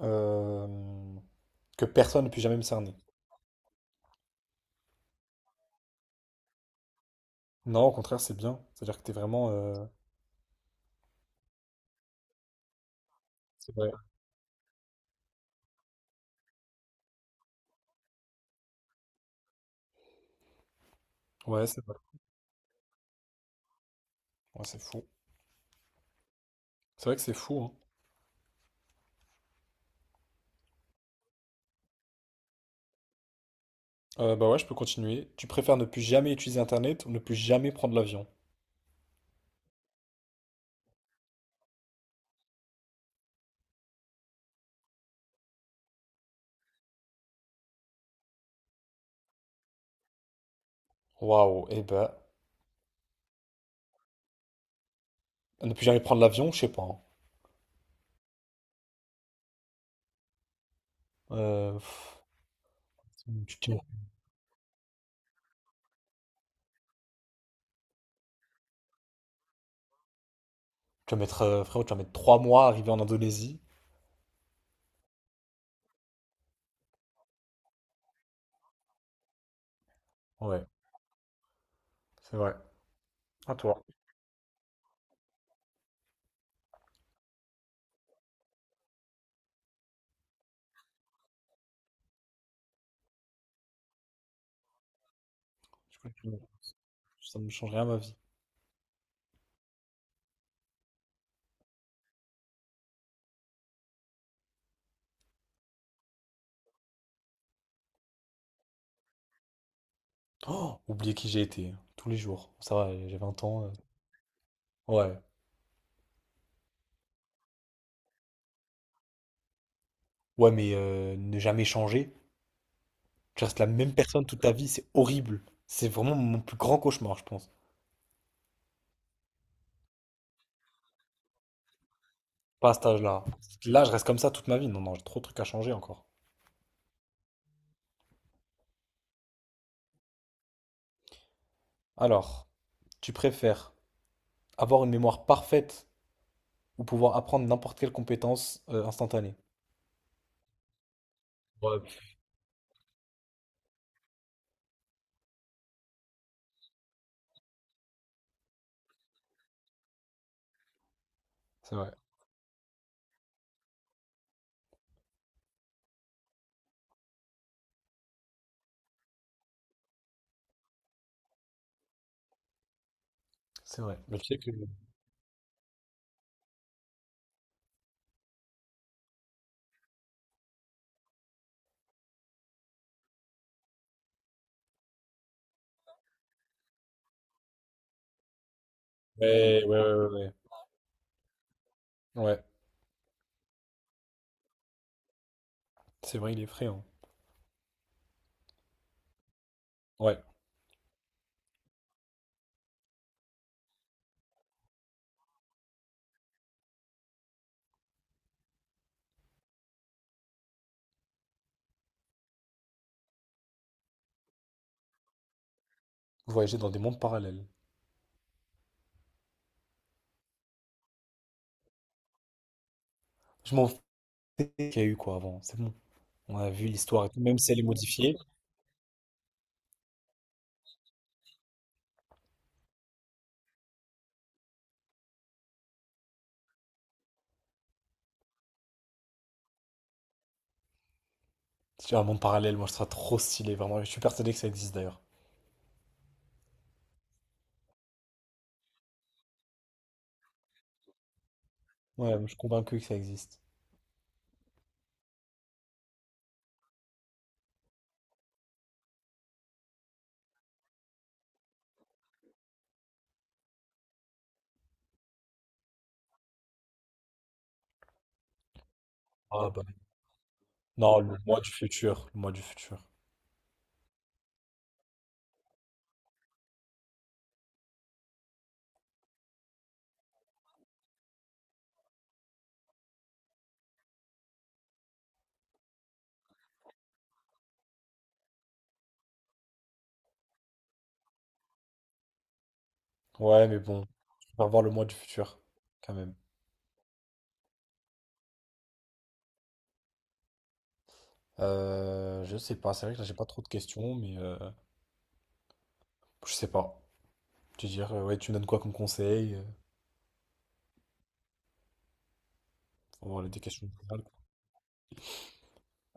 euh, que personne ne puisse jamais me cerner. Non, au contraire, c'est bien. C'est-à-dire que t'es vraiment. C'est vrai. Ouais, c'est vrai. Ouais, c'est fou. C'est vrai que c'est fou, hein. Bah ouais, je peux continuer. Tu préfères ne plus jamais utiliser Internet ou ne plus jamais prendre l'avion? Waouh, eh ben, ne plus jamais prendre l'avion, je sais pas, hein. Euh, pff, tu, tu- Tu vas mettre, frérot, tu vas mettre 3 mois à arriver en Indonésie. Ouais, c'est vrai. À toi. Je continue. Ça ne change rien à ma vie. Oh, oublier qui j'ai été, hein, tous les jours. Ça va, j'ai 20 ans. Ouais. Ouais, mais ne jamais changer. Tu restes la même personne toute ta vie, c'est horrible. C'est vraiment mon plus grand cauchemar, je pense. Pas à cet âge-là. Là, je reste comme ça toute ma vie. Non, non, j'ai trop de trucs à changer encore. Alors, tu préfères avoir une mémoire parfaite ou pouvoir apprendre n'importe quelle compétence instantanée? Ouais, c'est vrai. C'est vrai. Mais tu sais que... Ouais, ouais, ouais, ouais. Ouais. Ouais, c'est vrai, il est effrayant. Ouais, voyager dans des mondes parallèles. Je m'en fous qu'il y a eu, quoi, avant. C'est bon. On a vu l'histoire et tout, même si elle est modifiée. C'est un monde parallèle, moi je serais trop stylé, vraiment. Je suis persuadé que ça existe d'ailleurs. Ouais, je suis convaincu que ça existe. Ah bah. Non, le mois du futur, le mois du futur. Ouais, mais bon, je préfère voir le mois du futur, quand même. Je sais pas, c'est vrai que là j'ai pas trop de questions, mais je sais pas. Tu veux dire, ouais, tu me donnes quoi comme conseil? Pour avoir des questions générales, quoi.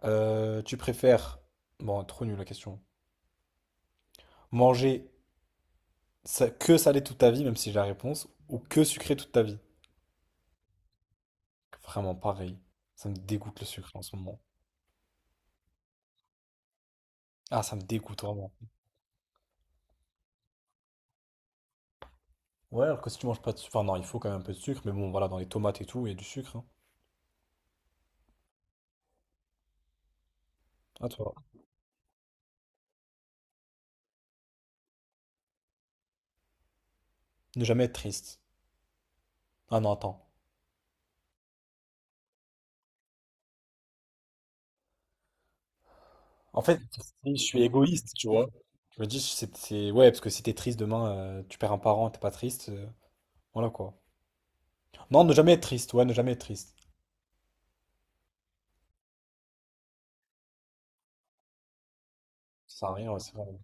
Tu préfères. Bon, trop nul la question. Manger que salé toute ta vie, même si j'ai la réponse, ou que sucré toute ta vie. Vraiment pareil. Ça me dégoûte le sucre en ce moment. Ah, ça me dégoûte vraiment. Ouais, alors que si tu manges pas de sucre, enfin non, il faut quand même un peu de sucre, mais bon, voilà, dans les tomates et tout, il y a du sucre, hein. À toi. Ne jamais être triste. Ah non, attends. En fait, si je suis égoïste, tu vois. Je me dis, si c'est, ouais, parce que si t'es triste demain, tu perds un parent, t'es pas triste. Voilà quoi. Non, ne jamais être triste, ouais, ne jamais être triste. Ça sert à rien, ouais, c'est vrai.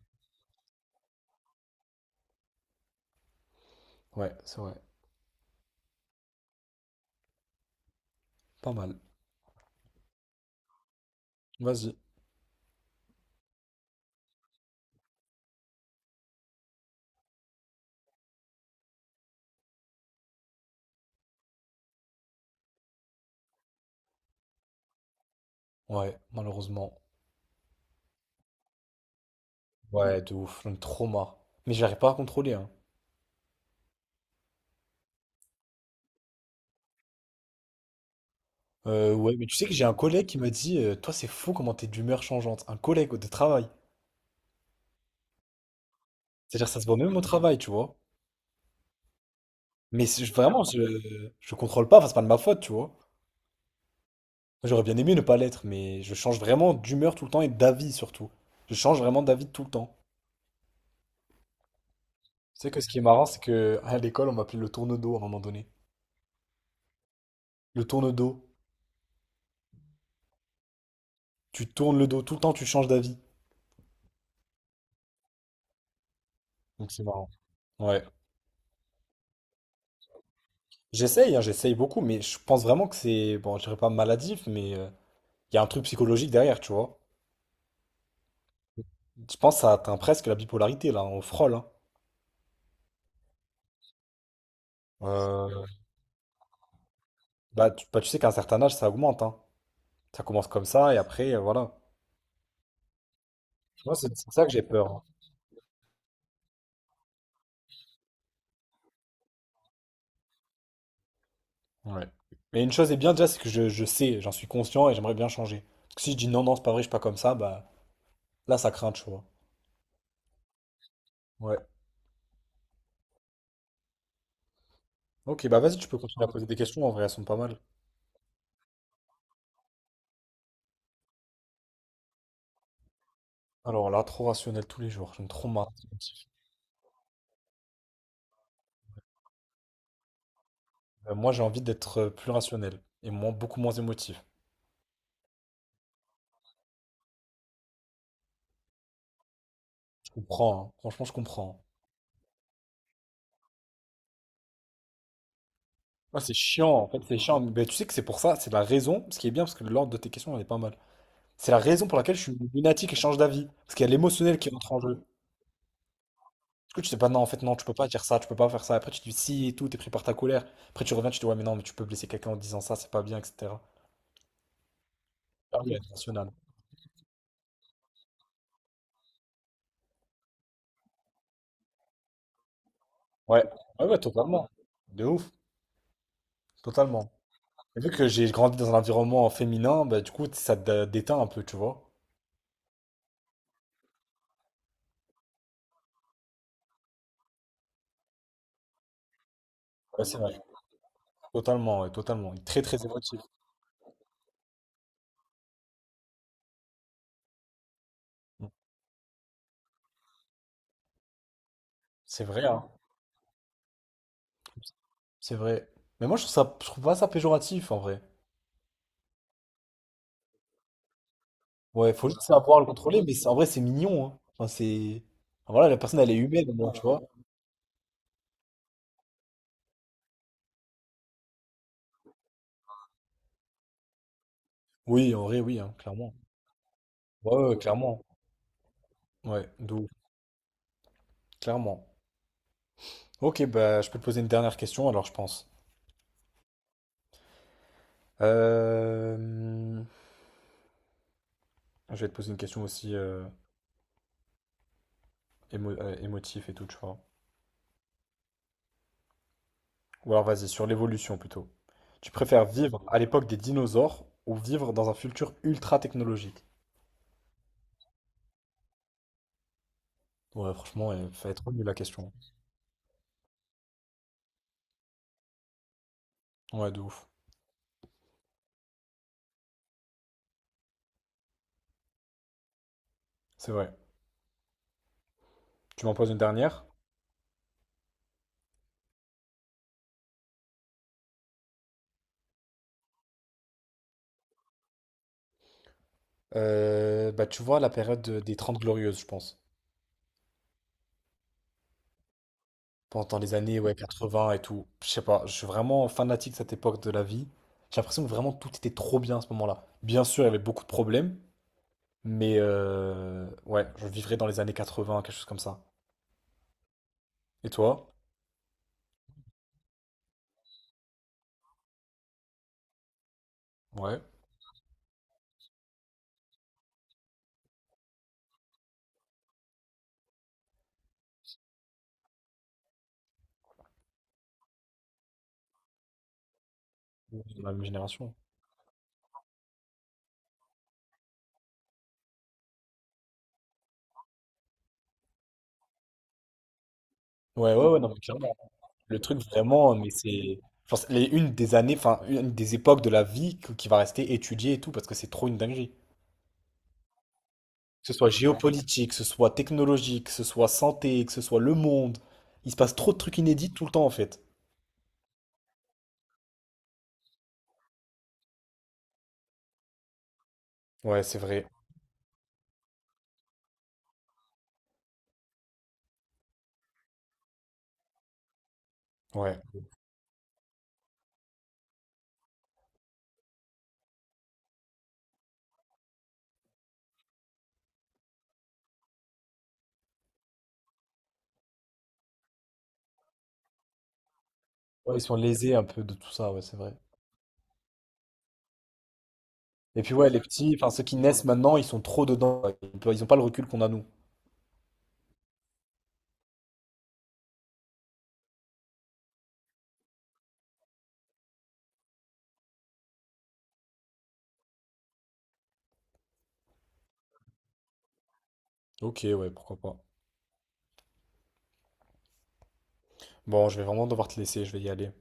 Ouais, c'est vrai. Pas mal. Vas-y. Ouais, malheureusement. Ouais, de ouf, un trauma. Mais j'arrive pas à contrôler, hein. Ouais, mais tu sais que j'ai un collègue qui m'a dit, toi c'est fou comment t'es d'humeur changeante. Un collègue de travail. C'est-à-dire ça se voit même au travail, tu vois. Mais vraiment, je contrôle pas, enfin c'est pas de ma faute, tu vois. J'aurais bien aimé ne pas l'être, mais je change vraiment d'humeur tout le temps et d'avis surtout. Je change vraiment d'avis tout le temps. Tu sais que ce qui est marrant, c'est que à l'école on m'appelait le tourne-dos à un moment donné. Le tourne-dos. Tu tournes le dos, tout le temps tu changes d'avis. Donc c'est marrant. Ouais. J'essaye, hein, j'essaye beaucoup, mais je pense vraiment que c'est, bon, je dirais pas maladif, mais il y a un truc psychologique derrière, tu vois. Je pense que ça atteint presque la bipolarité, là, on frôle, hein. Euh, tu sais qu'à un certain âge, ça augmente, hein. Ça commence comme ça, et après, voilà. Moi, c'est ça que j'ai peur, hein. Ouais. Mais une chose est bien déjà, c'est que je sais, j'en suis conscient, et j'aimerais bien changer. Parce que si je dis non, non, c'est pas vrai, je suis pas comme ça, bah, là, ça craint, tu vois. Ouais. Ok, bah vas-y, tu peux continuer à poser des questions, en vrai, elles sont pas mal. Alors là, trop rationnel tous les jours, j'aime trop marre. Moi, j'ai envie d'être plus rationnel et moins, beaucoup moins émotif. Je comprends, hein. Franchement, je comprends. Ah, c'est chiant, en fait, c'est chiant. Mais ben, tu sais que c'est pour ça, c'est la raison, ce qui est bien, parce que l'ordre de tes questions, elle est pas mal. C'est la raison pour laquelle je suis lunatique et change d'avis. Parce qu'il y a l'émotionnel qui rentre en jeu. Parce que tu sais pas, non, en fait, non, tu peux pas dire ça, tu peux pas faire ça. Après, tu dis si et tout, t'es pris par ta colère. Après, tu reviens, tu dis ouais, mais non, mais tu peux blesser quelqu'un en disant ça, c'est pas bien, etc. Ah oui, être rationnel. Ouais, ouais, ouais, totalement. De ouf, totalement. Et vu que j'ai grandi dans un environnement féminin, bah, du coup, ça te déteint un peu, tu vois. Ouais, c'est vrai. Totalement, ouais, totalement. Très, très émotif. Mmh. C'est vrai, hein. C'est vrai. Mais moi, je trouve ça, je trouve pas ça péjoratif, en vrai. Ouais, faut juste savoir le contrôler, mais en vrai, c'est mignon, hein. Enfin, c'est... Voilà, la personne, elle est humaine, au moins, tu vois. Oui, en vrai, oui, hein, clairement. Ouais, ouais, clairement. Ouais, de ouf, clairement. Ok, bah, je peux te poser une dernière question, alors, je pense. Euh, Je vais te poser une question aussi émotif et tout, tu vois. Ou alors vas-y, sur l'évolution plutôt. Tu préfères vivre à l'époque des dinosaures ou vivre dans un futur ultra technologique? Ouais, franchement, elle fait trop nulle la question. Ouais, de ouf. C'est vrai. Tu m'en poses une dernière? Bah, tu vois, la période des Trente Glorieuses, je pense. Pendant les années, ouais, 80 et tout. Je sais pas, je suis vraiment fanatique de cette époque de la vie. J'ai l'impression que vraiment tout était trop bien à ce moment-là. Bien sûr, il y avait beaucoup de problèmes, mais ouais, je vivrais dans les années 80, quelque chose comme ça. Et toi? Ouais. On est de la même génération. Ouais, ouais, ouais, non, mais clairement. Le truc vraiment, mais c'est. Genre, c'est une des années, enfin, une des époques de la vie qui va rester étudiée et tout, parce que c'est trop une dinguerie. Que ce soit géopolitique, que ce soit technologique, que ce soit santé, que ce soit le monde. Il se passe trop de trucs inédits tout le temps, en fait. Ouais, c'est vrai. Ouais. Ouais, ils sont lésés un peu de tout ça, ouais, c'est vrai. Et puis, ouais, les petits, enfin, ceux qui naissent maintenant, ils sont trop dedans. Ils n'ont pas le recul qu'on a, nous. Ok, ouais, pourquoi pas. Bon, je vais vraiment devoir te laisser, je vais y aller.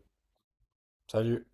Salut.